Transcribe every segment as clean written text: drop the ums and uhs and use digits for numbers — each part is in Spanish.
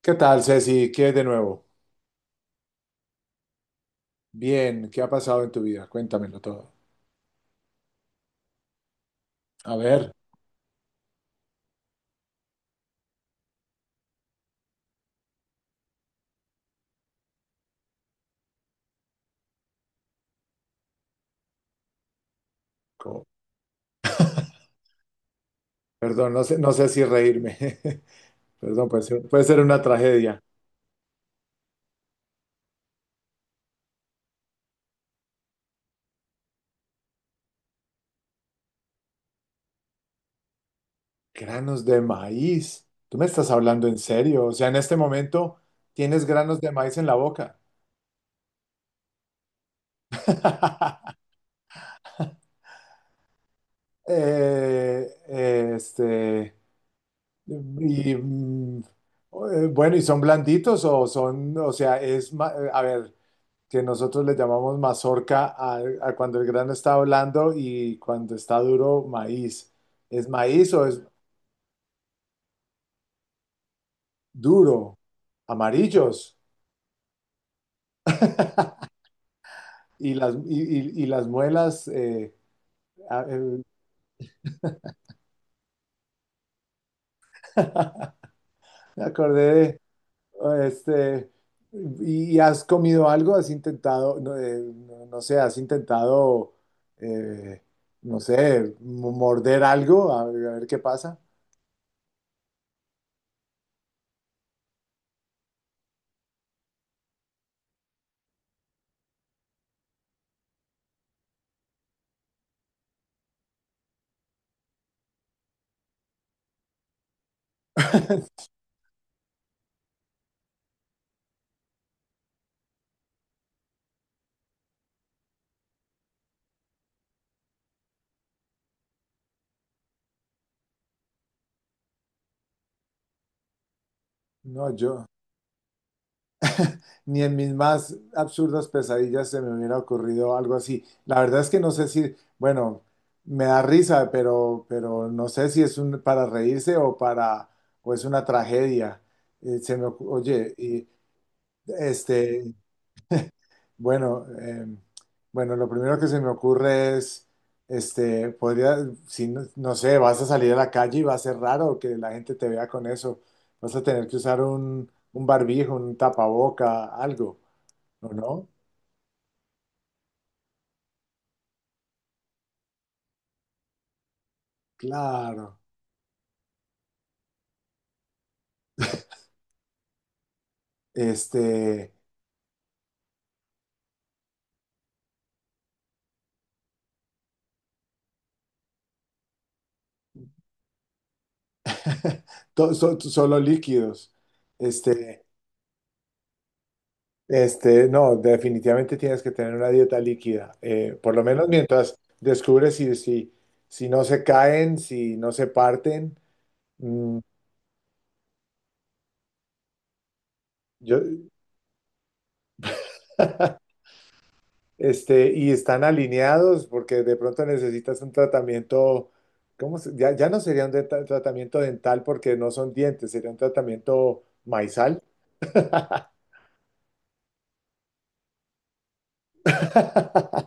¿Qué tal, Ceci? ¿Qué es de nuevo? Bien, ¿qué ha pasado en tu vida? Cuéntamelo todo. A ver, co- perdón, no sé, no sé si reírme. Perdón, puede ser una tragedia. Granos de maíz. ¿Tú me estás hablando en serio? O sea, en este momento tienes granos de maíz en la boca. Eh, este, bueno, ¿y son blanditos o son, o sea, a ver, que nosotros le llamamos mazorca a cuando el grano está blando y cuando está duro, maíz. ¿Es maíz o es duro? Amarillos. Y las, y, y las muelas, a- el- me acordé de, ¿y has comido algo? ¿Has intentado, no, no sé, has intentado, eh, no sé, morder algo? A ver qué pasa. No, yo. Ni en mis más absurdas pesadillas se me hubiera ocurrido algo así. La verdad es que no sé si, bueno, me da risa, pero no sé si es un, para reírse o para, o es una tragedia. Oye, este, bueno, eh, bueno, lo primero que se me ocurre es, podría, si no, no sé, vas a salir a la calle y va a ser raro que la gente te vea con eso. Vas a tener que usar un barbijo, un tapaboca, algo, ¿o no? Claro, este, solo líquidos. Este, no, definitivamente tienes que tener una dieta líquida, por lo menos mientras descubres si, si, si no se caen, si no se parten, mm, yo, y están alineados, porque de pronto necesitas un tratamiento, Ya, ya no sería un tratamiento dental porque no son dientes, sería un tratamiento maizal.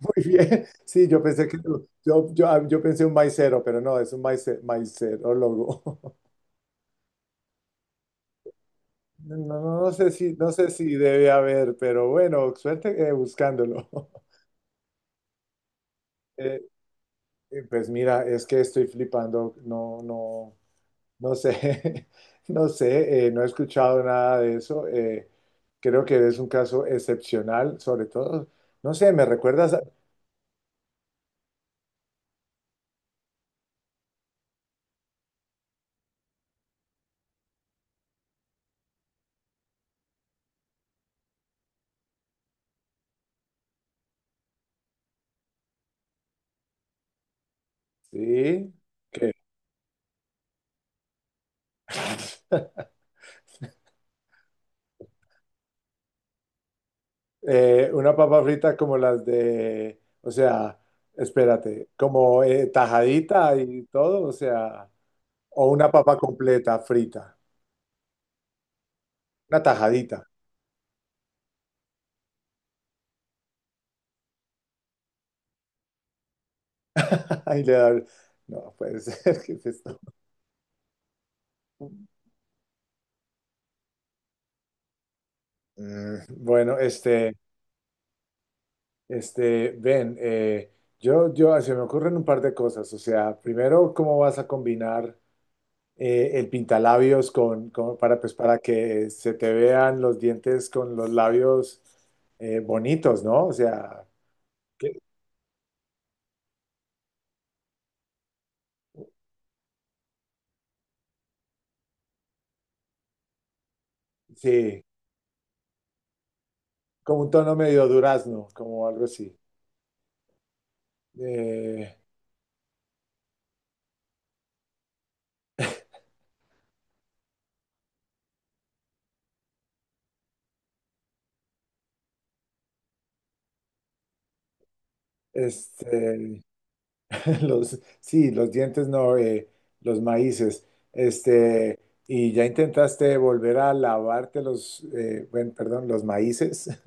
Muy bien. Sí, yo pensé que yo pensé un maicero, pero no, es un maicerólogo. No, no, no sé si, no sé si debe haber, pero bueno, suerte buscándolo. Eh, pues mira, es que estoy flipando, no, no, no sé, no sé, no he escuchado nada de eso. Eh, creo que es un caso excepcional, sobre todo, no sé, me recuerdas, a- sí, que una papa frita como las de, o sea, espérate, como tajadita y todo, o sea, o una papa completa frita, una tajadita. Ahí le da- no, puede ser, ¿qué es esto? Mm, bueno, este, este, ven, eh, Se me ocurren un par de cosas, o sea, primero, ¿cómo vas a combinar? Eh, el pintalabios con, para, pues, para que se te vean los dientes con los labios bonitos, ¿no? O sea, que- sí, como un tono medio durazno, como algo así. Eh, este, los, sí, los dientes no, los maíces. Este, y ya intentaste volver a lavarte los, bueno, perdón, los maíces.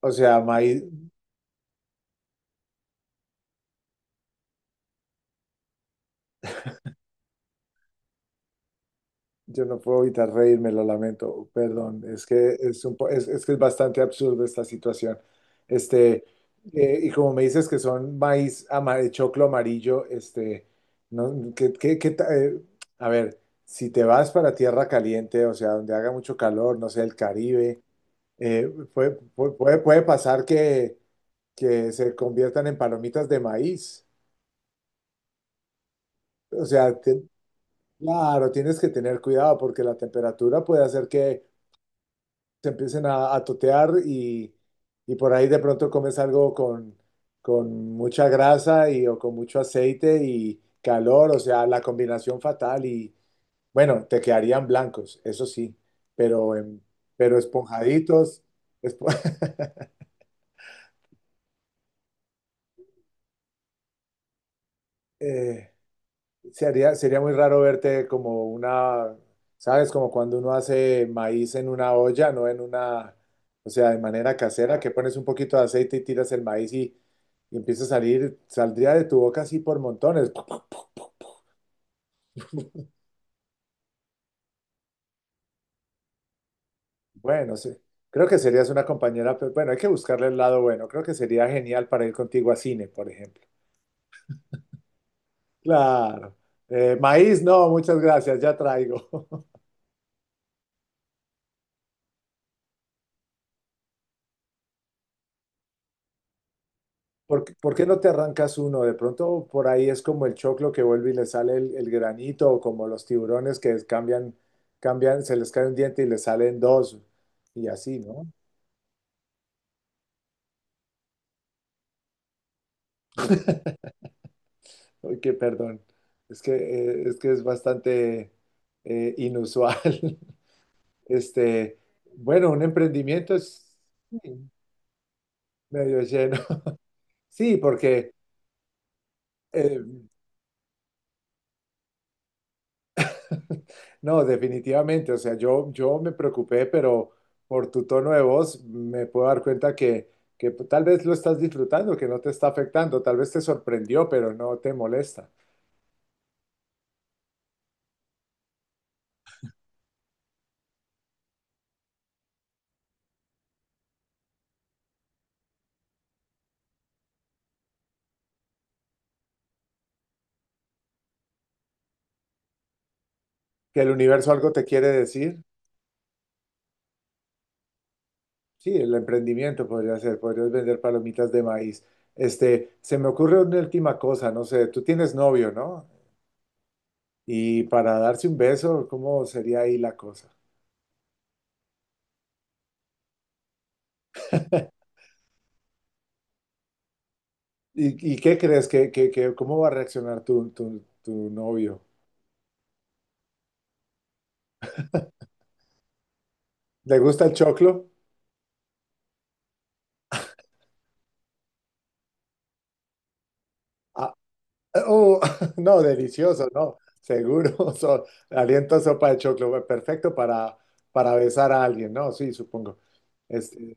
O sea, maíz, yo no puedo evitar reírme, lo lamento, perdón, es que es, es que es bastante absurdo esta situación. Este, y como me dices que son maíz amarillo, choclo amarillo, este, no, a ver, si te vas para tierra caliente, o sea, donde haga mucho calor, no sé, el Caribe, puede, puede pasar que se conviertan en palomitas de maíz. O sea, te- claro, tienes que tener cuidado porque la temperatura puede hacer que se empiecen a totear y por ahí de pronto comes algo con mucha grasa y, o con mucho aceite y calor, o sea, la combinación fatal y bueno, te quedarían blancos, eso sí, pero, em, pero esponjaditos. Espo- Eh, sería, sería muy raro verte como una, ¿sabes? Como cuando uno hace maíz en una olla, no en una, o sea, de manera casera, que pones un poquito de aceite y tiras el maíz y empieza a salir, saldría de tu boca así por montones. Bueno, sí. Creo que serías una compañera, pero bueno, hay que buscarle el lado bueno. Creo que sería genial para ir contigo a cine, por ejemplo. Claro. Maíz, no, muchas gracias, ya traigo. Por qué no te arrancas uno? De pronto por ahí es como el choclo que vuelve y le sale el granito, o como los tiburones que cambian, se les cae un diente y le salen dos, y así, ¿no? Ay, qué perdón. Es que, es que es bastante inusual. Este, bueno, un emprendimiento es sí, medio lleno. Sí, porque eh, no, definitivamente. O sea, yo me preocupé, pero por tu tono de voz me puedo dar cuenta que tal vez lo estás disfrutando, que no te está afectando, tal vez te sorprendió, pero no te molesta. Que el universo algo te quiere decir. Sí, el emprendimiento podría ser, podrías vender palomitas de maíz. Este, se me ocurre una última cosa, no sé, tú tienes novio, ¿no? Y para darse un beso, ¿cómo sería ahí la cosa? Y qué crees que, cómo va a reaccionar tu, tu, tu novio? ¿Le gusta el choclo? Ah, oh, no, delicioso, no, seguro. So- aliento sopa de choclo, perfecto para besar a alguien, ¿no? Sí, supongo. Este,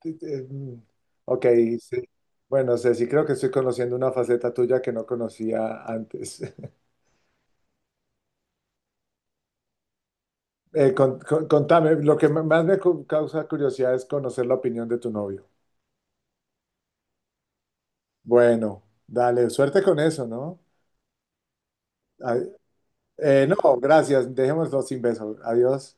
t- t- mm, ok, sí. Bueno, Ceci, creo que estoy conociendo una faceta tuya que no conocía antes. Contame, lo que más me causa curiosidad es conocer la opinión de tu novio. Bueno, dale, suerte con eso, ¿no? Ay, no, gracias, dejémoslo sin beso. Adiós.